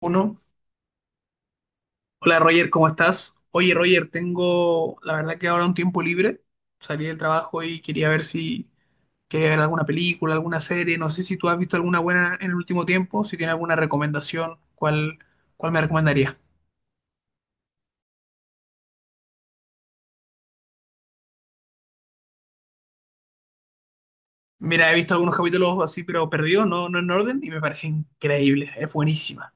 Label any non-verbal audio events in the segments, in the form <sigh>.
Uno. Hola Roger, ¿cómo estás? Oye Roger, tengo la verdad que ahora un tiempo libre. Salí del trabajo y quería ver si quería ver alguna película, alguna serie. No sé si tú has visto alguna buena en el último tiempo, si tienes alguna recomendación, ¿cuál me recomendaría? Mira, he visto algunos capítulos así, pero perdidos, no, no en orden, y me parece increíble, es buenísima.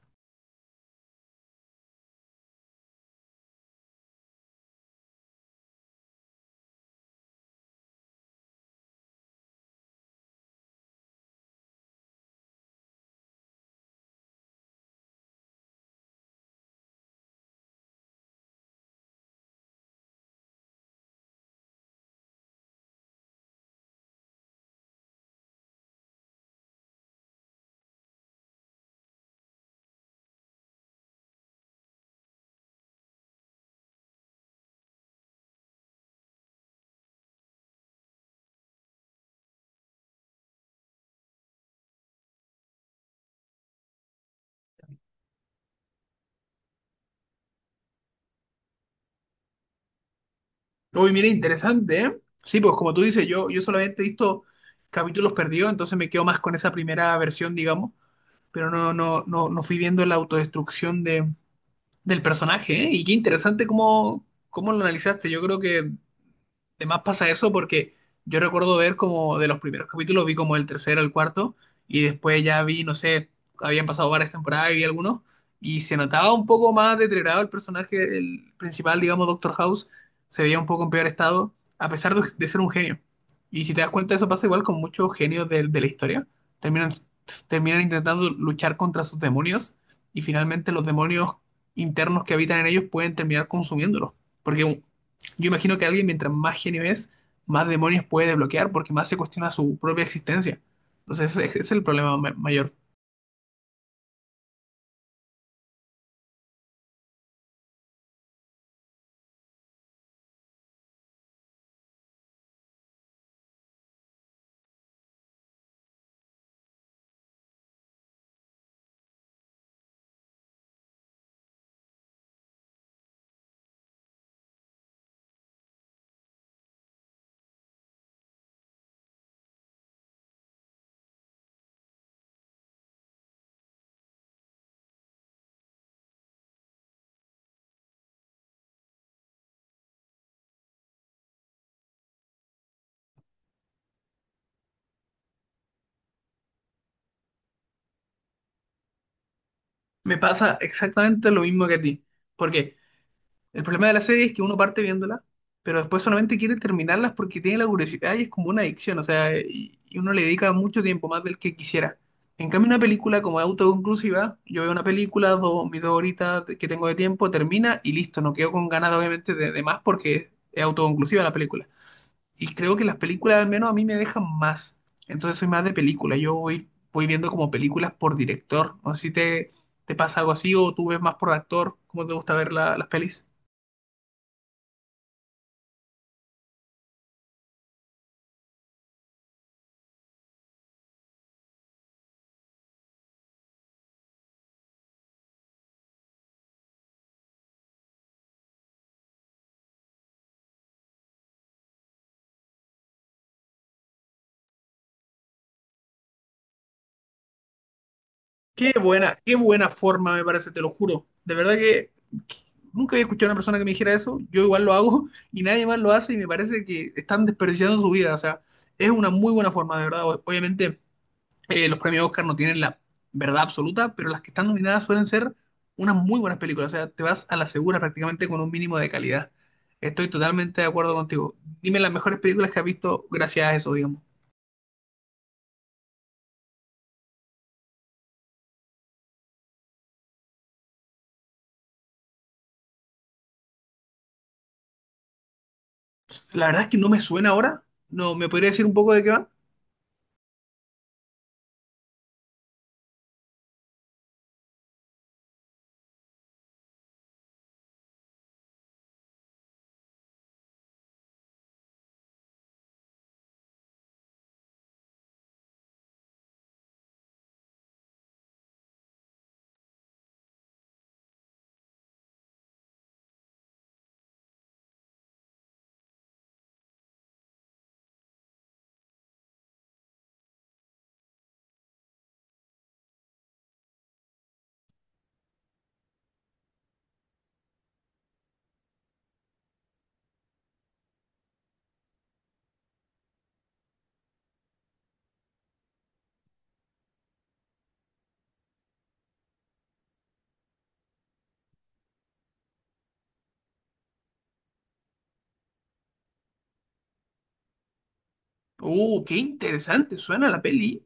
Uy, mira, interesante, ¿eh? Sí, pues como tú dices, yo solamente he visto capítulos perdidos, entonces me quedo más con esa primera versión, digamos, pero no, no, no fui viendo la autodestrucción del personaje, ¿eh? Y qué interesante cómo lo analizaste. Yo creo que además pasa eso porque yo recuerdo ver como de los primeros capítulos, vi como el tercero, el cuarto, y después ya vi, no sé, habían pasado varias temporadas y vi algunos, y se notaba un poco más deteriorado el personaje, el principal, digamos, Doctor House, se veía un poco en peor estado, a pesar de ser un genio. Y si te das cuenta, eso pasa igual con muchos genios de la historia. Terminan, Terminan intentando luchar contra sus demonios, y finalmente los demonios internos que habitan en ellos pueden terminar consumiéndolos. Porque un- yo imagino que alguien, mientras más genio es, más demonios puede desbloquear porque más se cuestiona su propia existencia. Entonces, ese es el problema mayor. Me pasa exactamente lo mismo que a ti. Porque el problema de la serie es que uno parte viéndola, pero después solamente quiere terminarlas porque tiene la curiosidad y es como una adicción. O sea, y uno le dedica mucho tiempo, más del que quisiera. En cambio, una película como es autoconclusiva, yo veo una película, dos, mis dos horitas que tengo de tiempo, termina y listo. No quedo con ganas, obviamente, de más porque es autoconclusiva la película, y creo que las películas al menos a mí me dejan más. Entonces soy más de película. Yo voy viendo como películas por director. No sé si te pasa algo así o tú ves más por actor. ¿Cómo te gusta ver las pelis? Qué buena forma me parece, te lo juro. De verdad que nunca había escuchado a una persona que me dijera eso. Yo igual lo hago <laughs> y nadie más lo hace y me parece que están desperdiciando su vida. O sea, es una muy buena forma, de verdad. Obviamente, los premios Oscar no tienen la verdad absoluta, pero las que están nominadas suelen ser unas muy buenas películas. O sea, te vas a la segura prácticamente con un mínimo de calidad. Estoy totalmente de acuerdo contigo. Dime las mejores películas que has visto gracias a eso, digamos. La verdad es que no me suena ahora. No, ¿me podría decir un poco de qué va? Qué interesante suena la peli.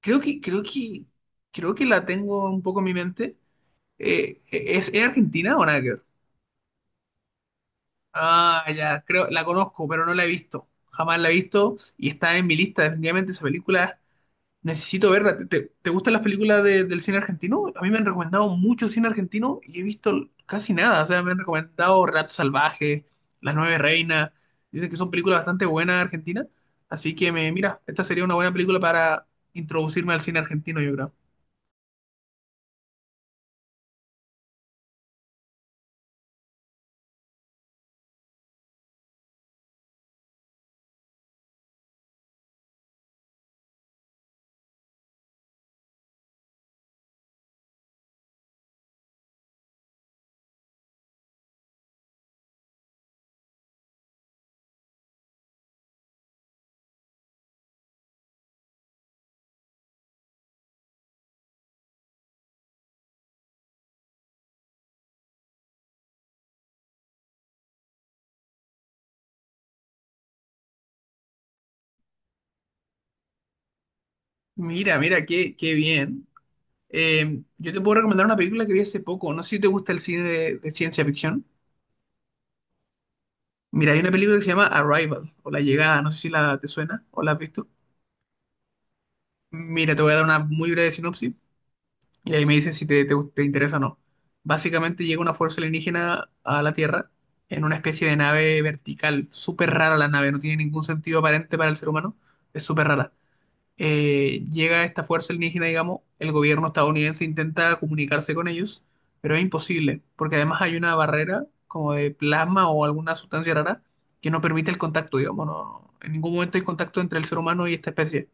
Creo que, creo que, Creo que la tengo un poco en mi mente. Es Argentina o nada que... Ah, ya, creo, la conozco, pero no la he visto. Jamás la he visto y está en mi lista. Definitivamente esa película necesito verla. Te gustan las películas del cine argentino? A mí me han recomendado mucho cine argentino y he visto casi nada. O sea, me han recomendado Relatos Salvajes, Las Nueve Reinas. Dicen que son películas bastante buenas argentinas. Así que me, mira, esta sería una buena película para introducirme al cine argentino, yo creo. Qué bien. Yo te puedo recomendar una película que vi hace poco. No sé si te gusta el cine de ciencia ficción. Mira, hay una película que se llama Arrival o La Llegada, no sé si la te suena o la has visto. Mira, te voy a dar una muy breve sinopsis y ahí me dices si te interesa o no. Básicamente llega una fuerza alienígena a la Tierra en una especie de nave vertical, súper rara la nave, no tiene ningún sentido aparente para el ser humano, es súper rara. Llega esta fuerza alienígena, digamos, el gobierno estadounidense intenta comunicarse con ellos, pero es imposible, porque además hay una barrera como de plasma o alguna sustancia rara que no permite el contacto, digamos, no, en ningún momento hay contacto entre el ser humano y esta especie.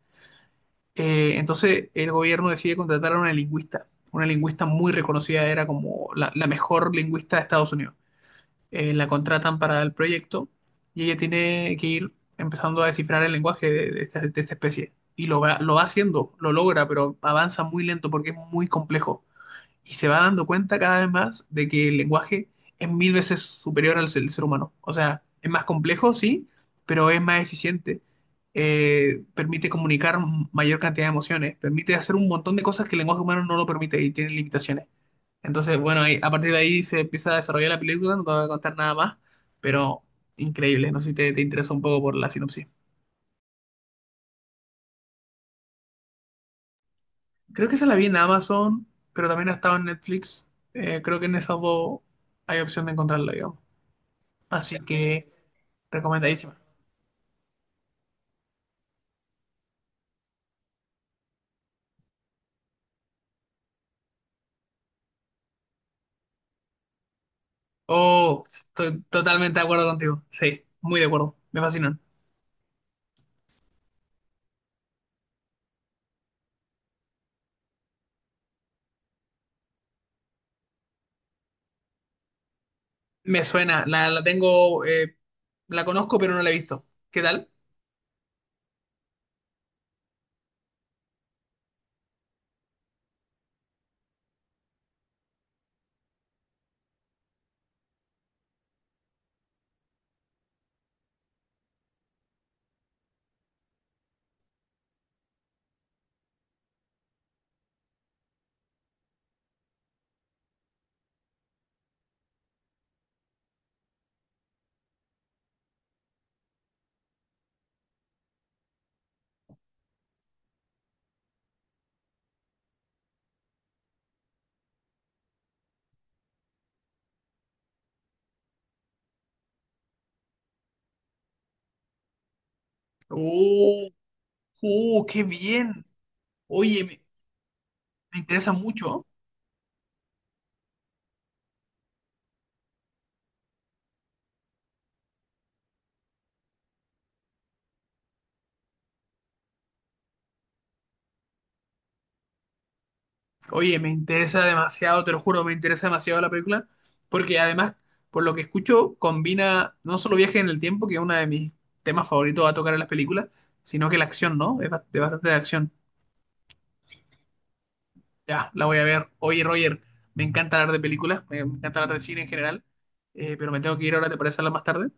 Entonces el gobierno decide contratar a una lingüista muy reconocida, era como la mejor lingüista de Estados Unidos. La contratan para el proyecto y ella tiene que ir empezando a descifrar el lenguaje de esta especie. Y lo va haciendo, lo logra, pero avanza muy lento porque es muy complejo. Y se va dando cuenta cada vez más de que el lenguaje es mil veces superior al ser humano. O sea, es más complejo, sí, pero es más eficiente. Permite comunicar mayor cantidad de emociones, permite hacer un montón de cosas que el lenguaje humano no lo permite y tiene limitaciones. Entonces, bueno, a partir de ahí se empieza a desarrollar la película, no te voy a contar nada más, pero increíble, no sé si te interesa un poco por la sinopsis. Creo que esa la vi en Amazon, pero también ha estado en Netflix. Creo que en esas dos hay opción de encontrarla, digamos. Así que recomendadísima. Oh, estoy totalmente de acuerdo contigo. Sí, muy de acuerdo. Me fascinan. Me suena, la tengo, la conozco, pero no la he visto. ¿Qué tal? ¡Oh, oh, qué bien! Oye, me interesa mucho. Oye, me interesa demasiado, te lo juro, me interesa demasiado la película, porque además, por lo que escucho, combina no solo viaje en el tiempo, que es uno de mis temas favoritos a tocar en las películas, sino que la acción, ¿no? Es de bastante de acción. Ya, la voy a ver. Oye, Roger, me encanta hablar de películas, me encanta hablar de cine en general, pero me tengo que ir ahora, ¿te parece hablar más tarde?